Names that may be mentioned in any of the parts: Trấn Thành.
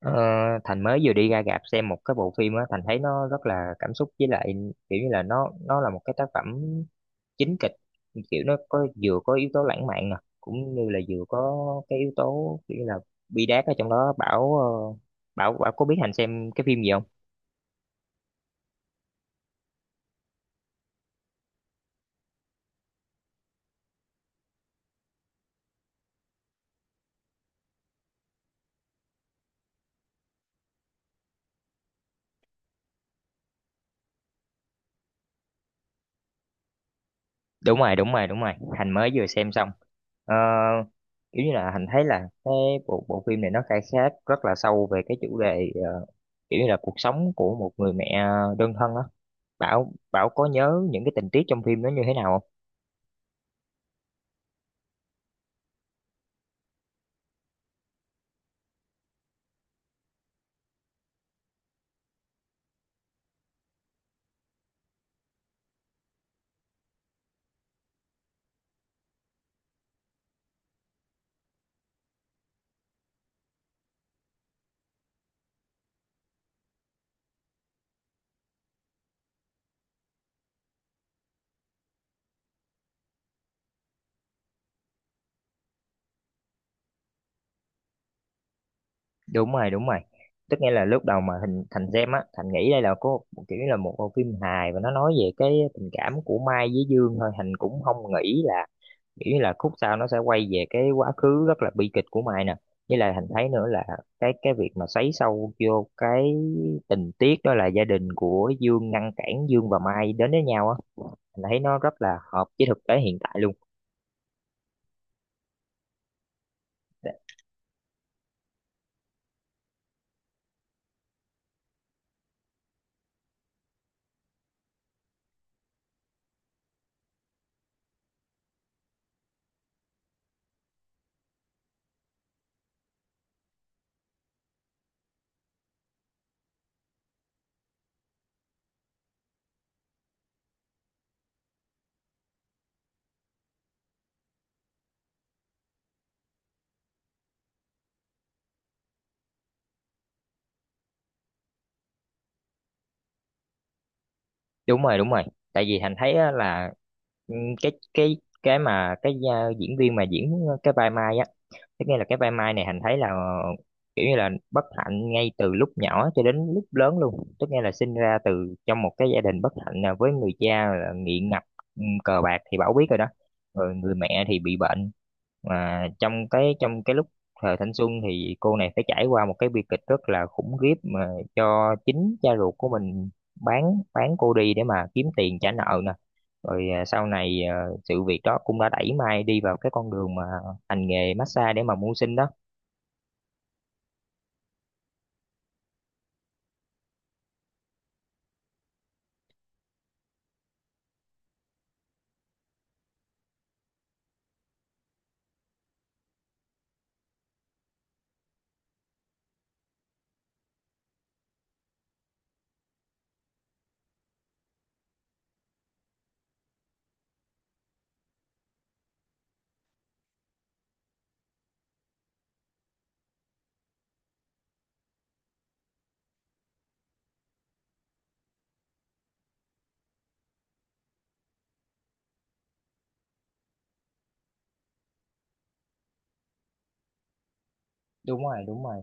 Ờ, Thành mới vừa đi ra rạp xem một cái bộ phim á, Thành thấy nó rất là cảm xúc. Với lại kiểu như là nó là một cái tác phẩm chính kịch, kiểu nó có vừa có yếu tố lãng mạn nè cũng như là vừa có cái yếu tố kiểu như là bi đát ở trong đó. Bảo, ờ, Bảo có biết Thành xem cái phim gì không? Đúng rồi, đúng rồi, đúng rồi. Thành mới vừa xem xong, ờ, kiểu như là Thành thấy là cái bộ bộ phim này nó khai thác rất là sâu về cái chủ đề, kiểu như là cuộc sống của một người mẹ đơn thân á. Bảo Bảo có nhớ những cái tình tiết trong phim nó như thế nào không? Đúng rồi, đúng rồi. Tức nghĩa là lúc đầu mà Thành Thành xem á, Thành nghĩ đây là có kiểu như là một bộ phim hài và nó nói về cái tình cảm của Mai với Dương thôi, Thành cũng không nghĩ là nghĩ là khúc sau nó sẽ quay về cái quá khứ rất là bi kịch của Mai nè. Với lại Thành thấy nữa là cái việc mà xoáy sâu vô cái tình tiết đó là gia đình của Dương ngăn cản Dương và Mai đến với nhau á, Thành thấy nó rất là hợp với thực tế hiện tại luôn. Dạ, đúng rồi, đúng rồi. Tại vì Thành thấy á là, ừ, cái cái cái mà cái diễn viên mà diễn cái vai Mai á. Thế nghĩa là cái vai Mai này Hành thấy là kiểu như là bất hạnh ngay từ lúc nhỏ cho đến lúc lớn luôn. Tức nghĩa là sinh ra từ trong một cái gia đình bất hạnh là với người cha là nghiện ngập, cờ bạc thì Bảo biết rồi đó. Rồi người mẹ thì bị bệnh. Mà trong cái lúc thời thanh xuân thì cô này phải trải qua một cái bi kịch rất là khủng khiếp, mà cho chính cha ruột của mình bán bán cô đi để mà kiếm tiền trả nợ nè. Rồi sau này sự việc đó cũng đã đẩy Mai đi vào cái con đường mà hành nghề massage để mà mưu sinh đó. Đúng rồi, đúng rồi.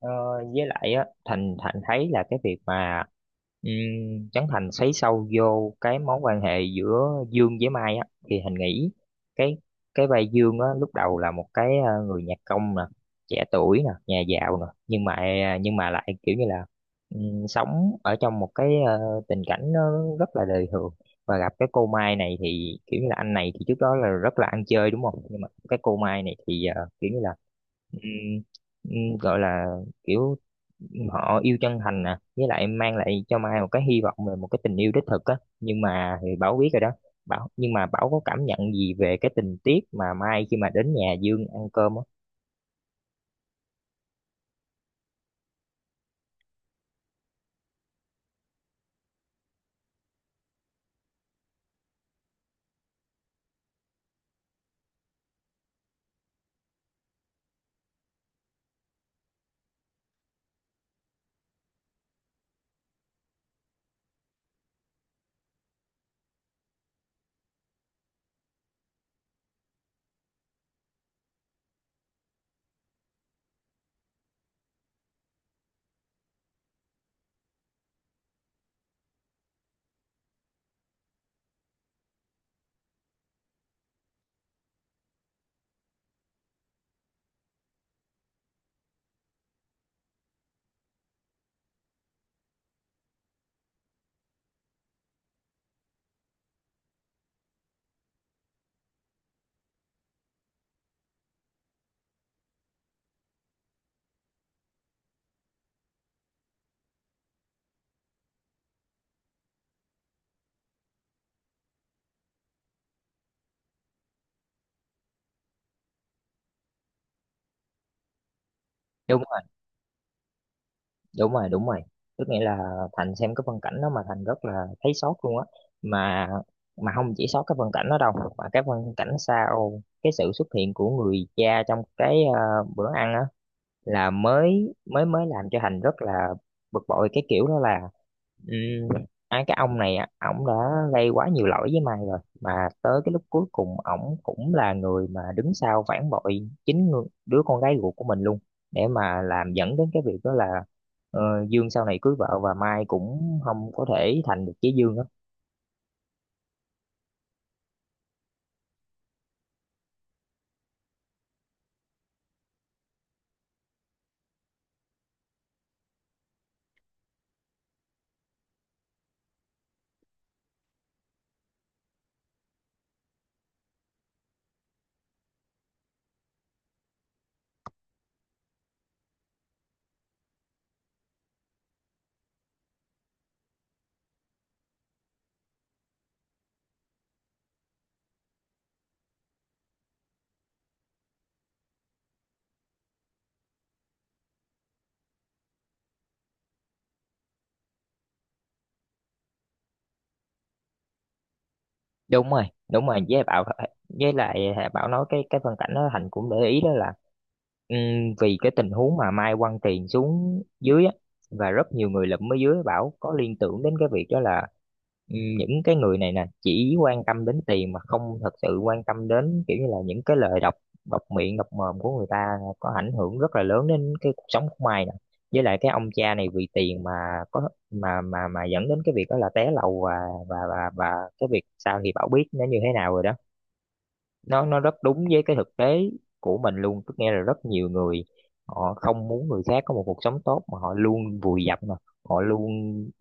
Ờ, với lại á Thành Thành thấy là cái việc mà, Trấn Thành xoáy sâu vô cái mối quan hệ giữa Dương với Mai á, thì Thành nghĩ cái cái vai Dương á lúc đầu là một cái, người nhạc công nè, trẻ tuổi nè, nhà giàu nè, nhưng mà lại kiểu như là, sống ở trong một cái, tình cảnh nó rất là đời thường, và gặp cái cô Mai này thì kiểu như là anh này thì trước đó là rất là ăn chơi đúng không, nhưng mà cái cô Mai này thì, kiểu như là, ừm, gọi là kiểu họ yêu chân thành nè, với lại mang lại cho Mai một cái hy vọng về một cái tình yêu đích thực á, nhưng mà thì Bảo biết rồi đó. Bảo, nhưng mà Bảo có cảm nhận gì về cái tình tiết mà Mai khi mà đến nhà Dương ăn cơm á? Đúng rồi, đúng rồi, đúng rồi. Tức nghĩa là Thành xem cái phân cảnh đó mà Thành rất là thấy sót luôn á, mà mà không chỉ sót cái phân cảnh đó đâu, mà cái phân cảnh sau cái sự xuất hiện của người cha trong cái, bữa ăn á, là mới mới mới làm cho Thành rất là bực bội. Cái kiểu đó là, ừ, ai cái ông này á, ổng đã gây quá nhiều lỗi với mày rồi mà tới cái lúc cuối cùng ổng cũng là người mà đứng sau phản bội chính đứa con gái ruột của mình luôn, để mà làm dẫn đến cái việc đó là, ờ, Dương sau này cưới vợ và Mai cũng không có thể thành được với Dương á. Đúng rồi, đúng rồi, với Bảo, với lại Bảo nói cái phân cảnh đó Thành cũng để ý đó là, Ừm, vì cái tình huống mà Mai quăng tiền xuống dưới á, và rất nhiều người lụm ở dưới, bảo có liên tưởng đến cái việc đó là, những cái người này nè chỉ quan tâm đến tiền mà không thật sự quan tâm đến, kiểu như là những cái lời độc độc miệng độc mồm của người ta có ảnh hưởng rất là lớn đến cái cuộc sống của Mai nè. Với lại cái ông cha này vì tiền mà có mà dẫn đến cái việc đó là té lầu, và và cái việc sau thì Bảo biết nó như thế nào rồi đó. Nó rất đúng với cái thực tế của mình luôn. Tức nghe là rất nhiều người họ không muốn người khác có một cuộc sống tốt, mà họ luôn vùi dập, mà họ luôn,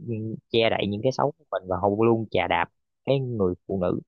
ừ, che đậy những cái xấu của mình, và họ luôn chà đạp cái người phụ nữ.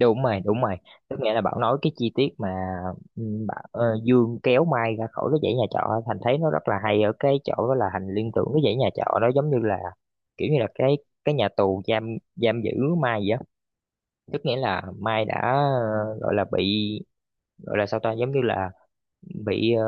Đúng rồi, đúng rồi. Tức nghĩa là Bảo nói cái chi tiết mà, ừ, Dương kéo Mai ra khỏi cái dãy nhà trọ, Thành thấy nó rất là hay ở cái chỗ đó là Thành liên tưởng cái dãy nhà trọ đó giống như là kiểu như là cái nhà tù giam giam giữ Mai vậy á. Tức nghĩa là Mai đã, gọi là bị, gọi là sao ta, giống như là bị,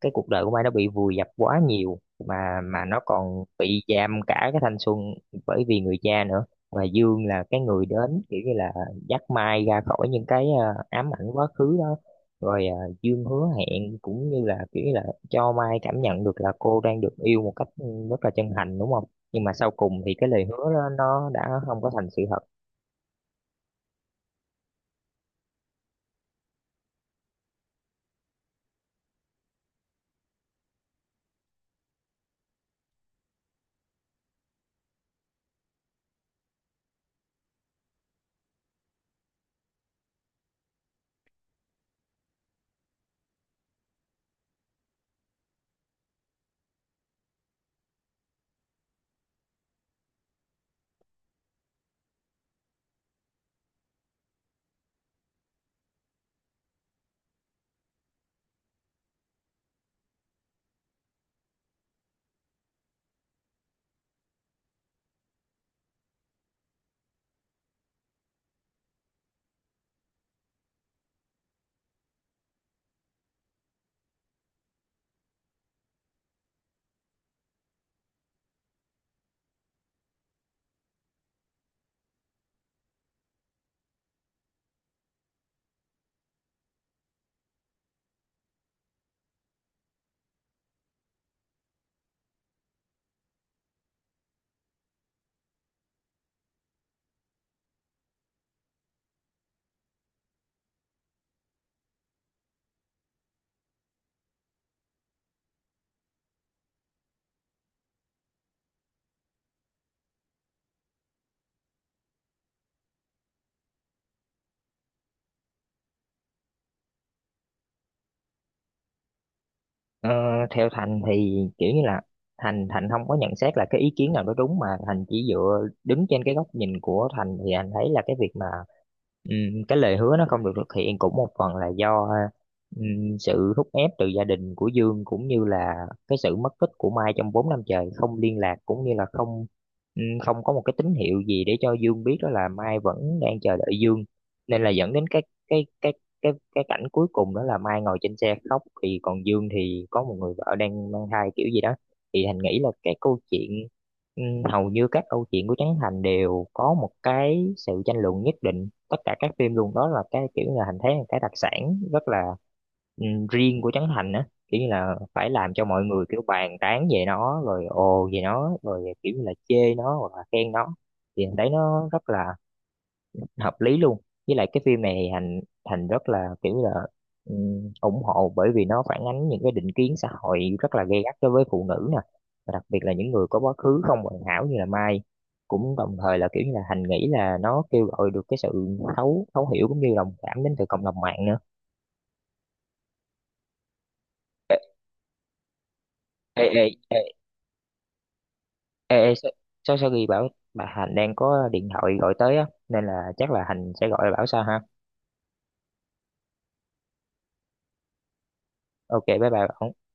cái cuộc đời của Mai nó bị vùi dập quá nhiều, mà nó còn bị giam cả cái thanh xuân bởi vì người cha nữa. Và Dương là cái người đến kiểu như là dắt Mai ra khỏi những cái, ám ảnh quá khứ đó, rồi Dương hứa hẹn cũng như là kiểu như là cho Mai cảm nhận được là cô đang được yêu một cách, rất là chân thành đúng không. Nhưng mà sau cùng thì cái lời hứa đó, nó đã không có thành sự thật. Ờ, Theo Thành thì kiểu như là Thành Thành không có nhận xét là cái ý kiến nào đó đúng, mà Thành chỉ dựa đứng trên cái góc nhìn của Thành, thì anh thấy là cái việc mà, cái lời hứa nó không được thực hiện cũng một phần là do, sự thúc ép từ gia đình của Dương, cũng như là cái sự mất tích của Mai trong 4 năm trời không liên lạc, cũng như là không, không có một cái tín hiệu gì để cho Dương biết đó là Mai vẫn đang chờ đợi Dương, nên là dẫn đến cái cái cái cảnh cuối cùng đó là Mai ngồi trên xe khóc, thì còn Dương thì có một người vợ đang mang thai kiểu gì đó. Thì Thành nghĩ là cái câu chuyện, ừ, hầu như các câu chuyện của Trấn Thành đều có một cái sự tranh luận nhất định, tất cả các phim luôn, đó là cái kiểu là Thành thấy là cái đặc sản rất là, ừ, riêng của Trấn Thành á, kiểu như là phải làm cho mọi người kiểu bàn tán về nó rồi ồ về nó rồi kiểu như là chê nó hoặc là khen nó, thì Thành thấy nó rất là hợp lý luôn. Với lại cái phim này thì thành thành rất là kiểu là, ủng hộ, bởi vì nó phản ánh những cái định kiến xã hội rất là gay gắt đối với phụ nữ nè, và đặc biệt là những người có quá khứ không hoàn hảo như là Mai, cũng đồng thời là kiểu như là Thành nghĩ là nó kêu gọi được cái sự thấu thấu hiểu cũng như đồng cảm đến từ cộng đồng mạng nữa. Ê, ê, ê, ê, ê sao, sao sao ghi bảo, bà Hành đang có điện thoại gọi tới á, nên là chắc là Hành sẽ gọi bảo sao ha. Ok, bye bye Bảo.